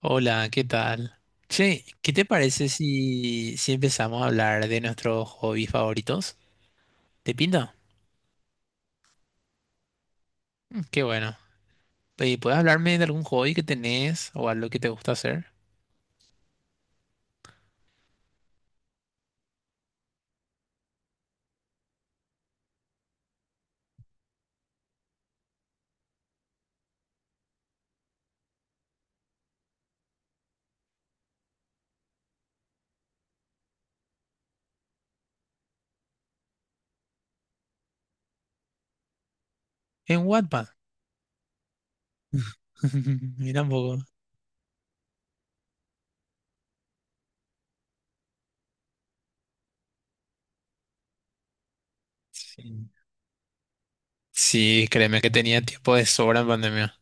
Hola, ¿qué tal? Che, ¿qué te parece si empezamos a hablar de nuestros hobbies favoritos? ¿Te pinta? Mm, qué bueno. ¿Puedes hablarme de algún hobby que tenés o algo que te gusta hacer? En Wattpad. Mira un poco. Sí. Sí, créeme que tenía tiempo de sobra en pandemia.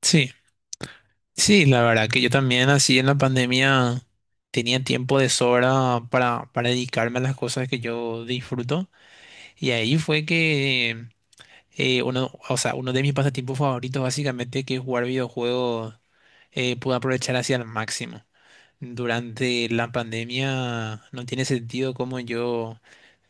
Sí, sí, la verdad que yo también así en la pandemia tenía tiempo de sobra para dedicarme a las cosas que yo disfruto. Y ahí fue que uno de mis pasatiempos favoritos básicamente que es jugar videojuegos, pude aprovechar hacia el máximo. Durante la pandemia no tiene sentido cómo yo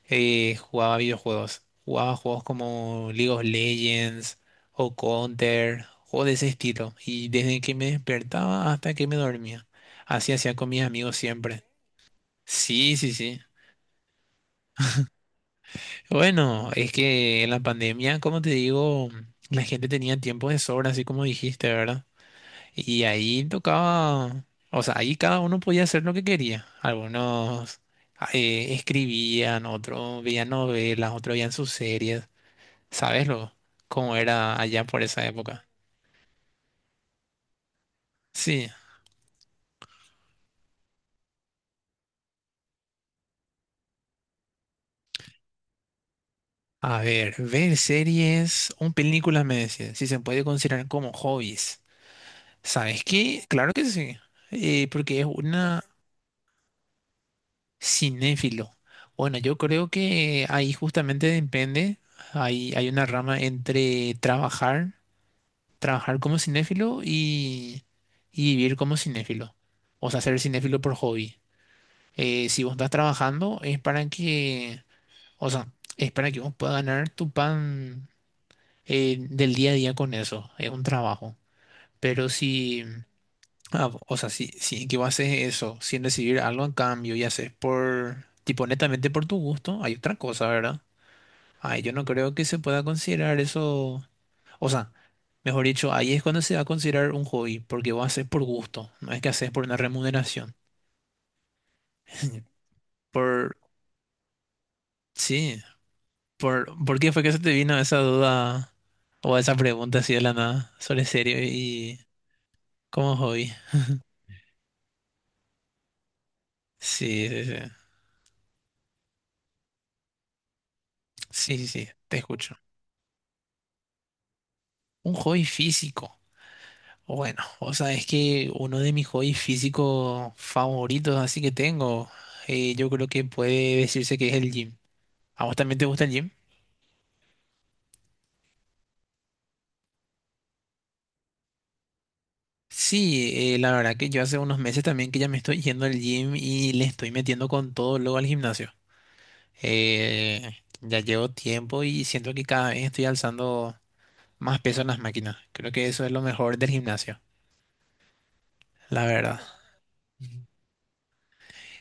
jugaba videojuegos. Jugaba juegos como League of Legends o Counter, juegos de ese estilo. Y desde que me despertaba hasta que me dormía. Así hacía con mis amigos siempre. Sí, sí, sí. Bueno, es que en la pandemia, como te digo, la gente tenía tiempo de sobra, así como dijiste, ¿verdad? Y ahí tocaba, o sea, ahí cada uno podía hacer lo que quería. Algunos escribían, otros veían novelas, otros veían sus series. ¿Sabes lo? Cómo era allá por esa época. Sí. A ver, ver series o películas, me decías, si se puede considerar como hobbies. ¿Sabes qué? Claro que sí. Porque es una. Cinéfilo. Bueno, yo creo que ahí justamente depende. Hay una rama entre trabajar, trabajar como cinéfilo y vivir como cinéfilo. O sea, ser cinéfilo por hobby. Si vos estás trabajando es para que, o sea, es para que vos puedas ganar tu pan del día a día con eso. Es un trabajo. Pero si... Ah, o sea, si que vos haces eso sin recibir algo en cambio y haces por, tipo, netamente por tu gusto, hay otra cosa, ¿verdad? Ay, yo no creo que se pueda considerar eso. O sea, mejor dicho, ahí es cuando se va a considerar un hobby, porque vos haces por gusto, no es que haces por una remuneración. Por, sí, ¿por qué fue que se te vino esa duda o esa pregunta así de la nada sobre serio y como hobby? Sí, sí, sí, sí, sí, sí, te escucho. Un hobby físico. Bueno, o sea, es que uno de mis hobbies físicos favoritos, así que tengo, yo creo que puede decirse que es el gym. ¿A vos también te gusta el gym? Sí, la verdad que yo hace unos meses también que ya me estoy yendo al gym y le estoy metiendo con todo luego al gimnasio. Ya llevo tiempo y siento que cada vez estoy alzando más peso en las máquinas. Creo que eso es lo mejor del gimnasio, la verdad.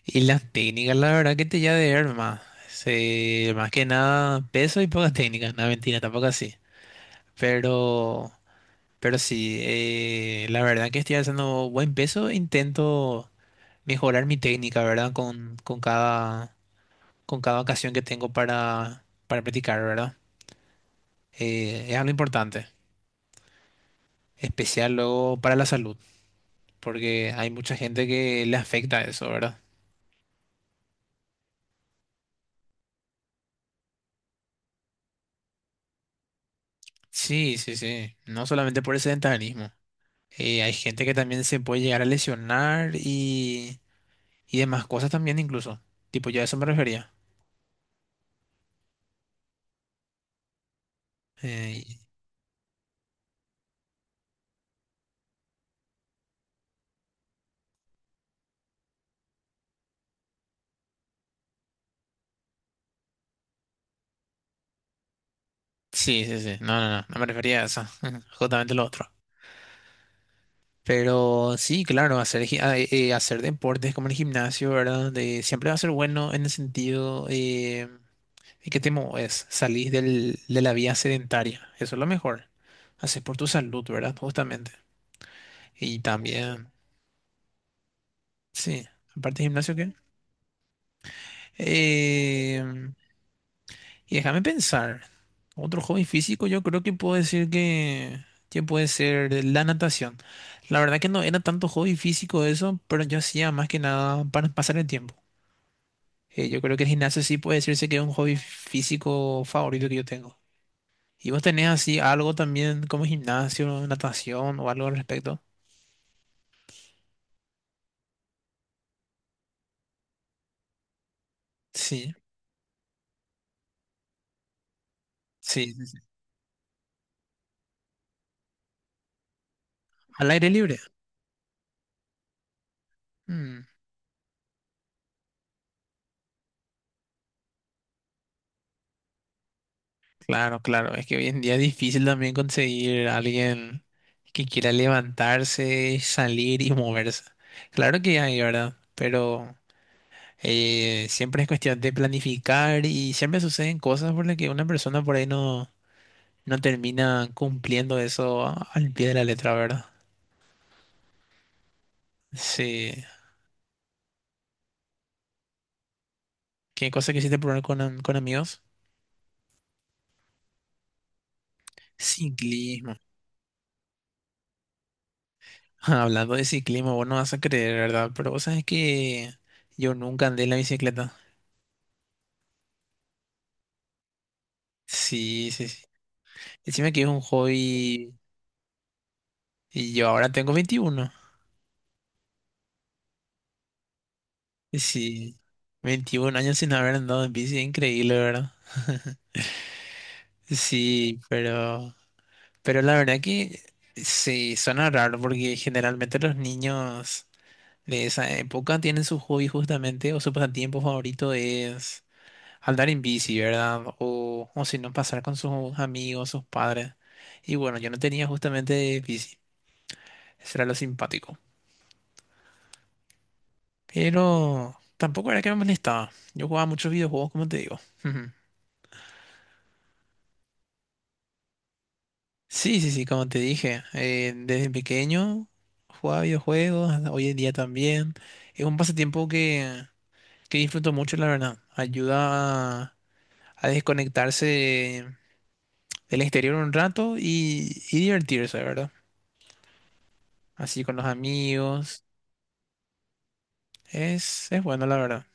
Y las técnicas, la verdad que te ya de ver más. Se- más que nada peso y pocas técnicas. No, mentira, tampoco así. Pero, pero sí, la verdad que estoy haciendo buen peso. Intento mejorar mi técnica, ¿verdad? Con cada ocasión que tengo para practicar, ¿verdad? Es algo importante, especial luego para la salud, porque hay mucha gente que le afecta eso, ¿verdad? Sí, sí, sí. No solamente por el sedentarismo. Hay gente que también se puede llegar a lesionar y demás cosas también incluso. Tipo, yo a eso me refería. Eh, sí, sí, sí. No, no, no. No me refería a eso. Justamente lo otro. Pero sí, claro, hacer, gi- ah, hacer deportes como el gimnasio, ¿verdad? De, siempre va a ser bueno en el sentido que te mueves, salís del, de la vía sedentaria. Eso es lo mejor. Haces por tu salud, ¿verdad? Justamente. Y también, sí. Aparte del gimnasio, ¿qué? Eh, Y déjame pensar. Otro hobby físico, yo creo que puedo decir que puede ser la natación. La verdad que no era tanto hobby físico eso, pero yo hacía más que nada para pasar el tiempo. Yo creo que el gimnasio sí puede decirse que es un hobby físico favorito que yo tengo. ¿Y vos tenés así algo también como gimnasio, natación o algo al respecto? Sí, sí, sí, sí. Al aire libre. Mm. Claro, claro. Es que hoy en día es difícil también conseguir a alguien que quiera levantarse, salir y moverse. Claro que hay, ¿verdad? Pero siempre es cuestión de planificar y siempre suceden cosas por las que una persona por ahí no, no termina cumpliendo eso a- al pie de la letra, ¿verdad? Sí. ¿Qué cosa quisiste probar con, am- con amigos? Ciclismo. Hablando de ciclismo, vos no vas a creer, ¿verdad? Pero vos sabes que yo nunca andé en la bicicleta. Sí, sí, sí. Decime que es un hobby y yo ahora tengo 21. Y sí, 21 años sin haber andado en bici, es increíble, ¿verdad? Sí, pero la verdad que sí, suena raro porque generalmente los niños de esa época tienen su hobby justamente o su pasatiempo favorito es andar en bici, ¿verdad? O si no, pasar con sus amigos, sus padres. Y bueno, yo no tenía justamente bici, eso era lo simpático. Pero tampoco era que me molestaba. Yo jugaba muchos videojuegos, como te digo. Ujú. Sí, sí, sí, como te dije, desde pequeño jugaba videojuegos, hasta hoy en día también. Es un pasatiempo que disfruto mucho, la verdad. Ayuda a desconectarse del exterior un rato y divertirse, ¿verdad? Así con los amigos. Es bueno, la verdad.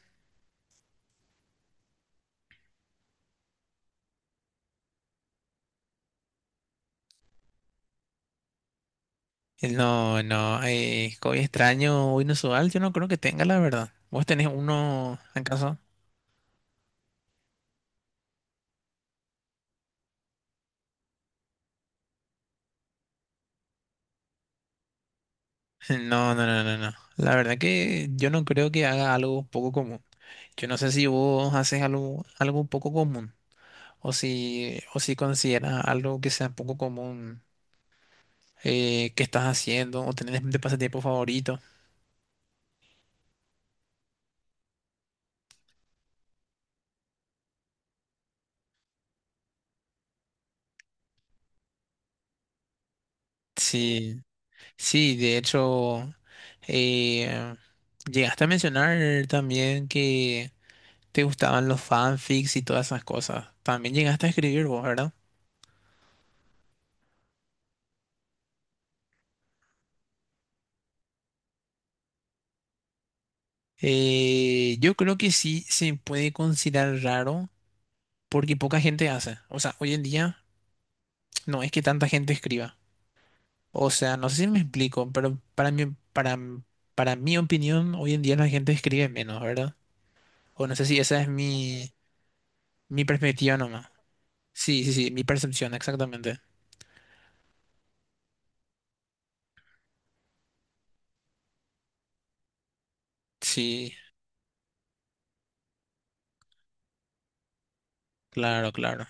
No, no, hoy extraño, hoy inusual, yo no creo que tenga, la verdad. ¿Vos tenés uno, acaso? No, no, no, no, no. La verdad que yo no creo que haga algo poco común. Yo no sé si vos haces algo, algo poco común o si consideras algo que sea poco común que estás haciendo o tenés de pasatiempo favorito. Sí, sí, de hecho, eh, llegaste a mencionar también que te gustaban los fanfics y todas esas cosas. También llegaste a escribir vos, ¿verdad? Yo creo que sí se puede considerar raro porque poca gente hace. O sea, hoy en día no es que tanta gente escriba. O sea, no sé si me explico, pero para mí, para, para mi opinión, hoy en día la gente escribe menos, ¿verdad? O no sé si esa es mi, mi perspectiva nomás. Sí, sí, sí, mi percepción, exactamente. Sí, claro, claro.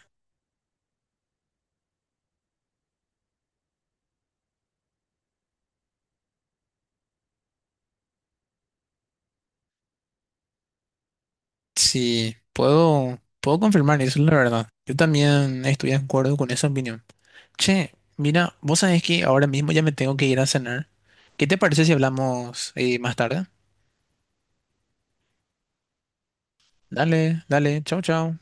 Sí, puedo, puedo confirmar eso, la verdad. Yo también estoy de acuerdo con esa opinión. Che, mira, vos sabés que ahora mismo ya me tengo que ir a cenar. ¿Qué te parece si hablamos más tarde? Dale, dale, chao, chao.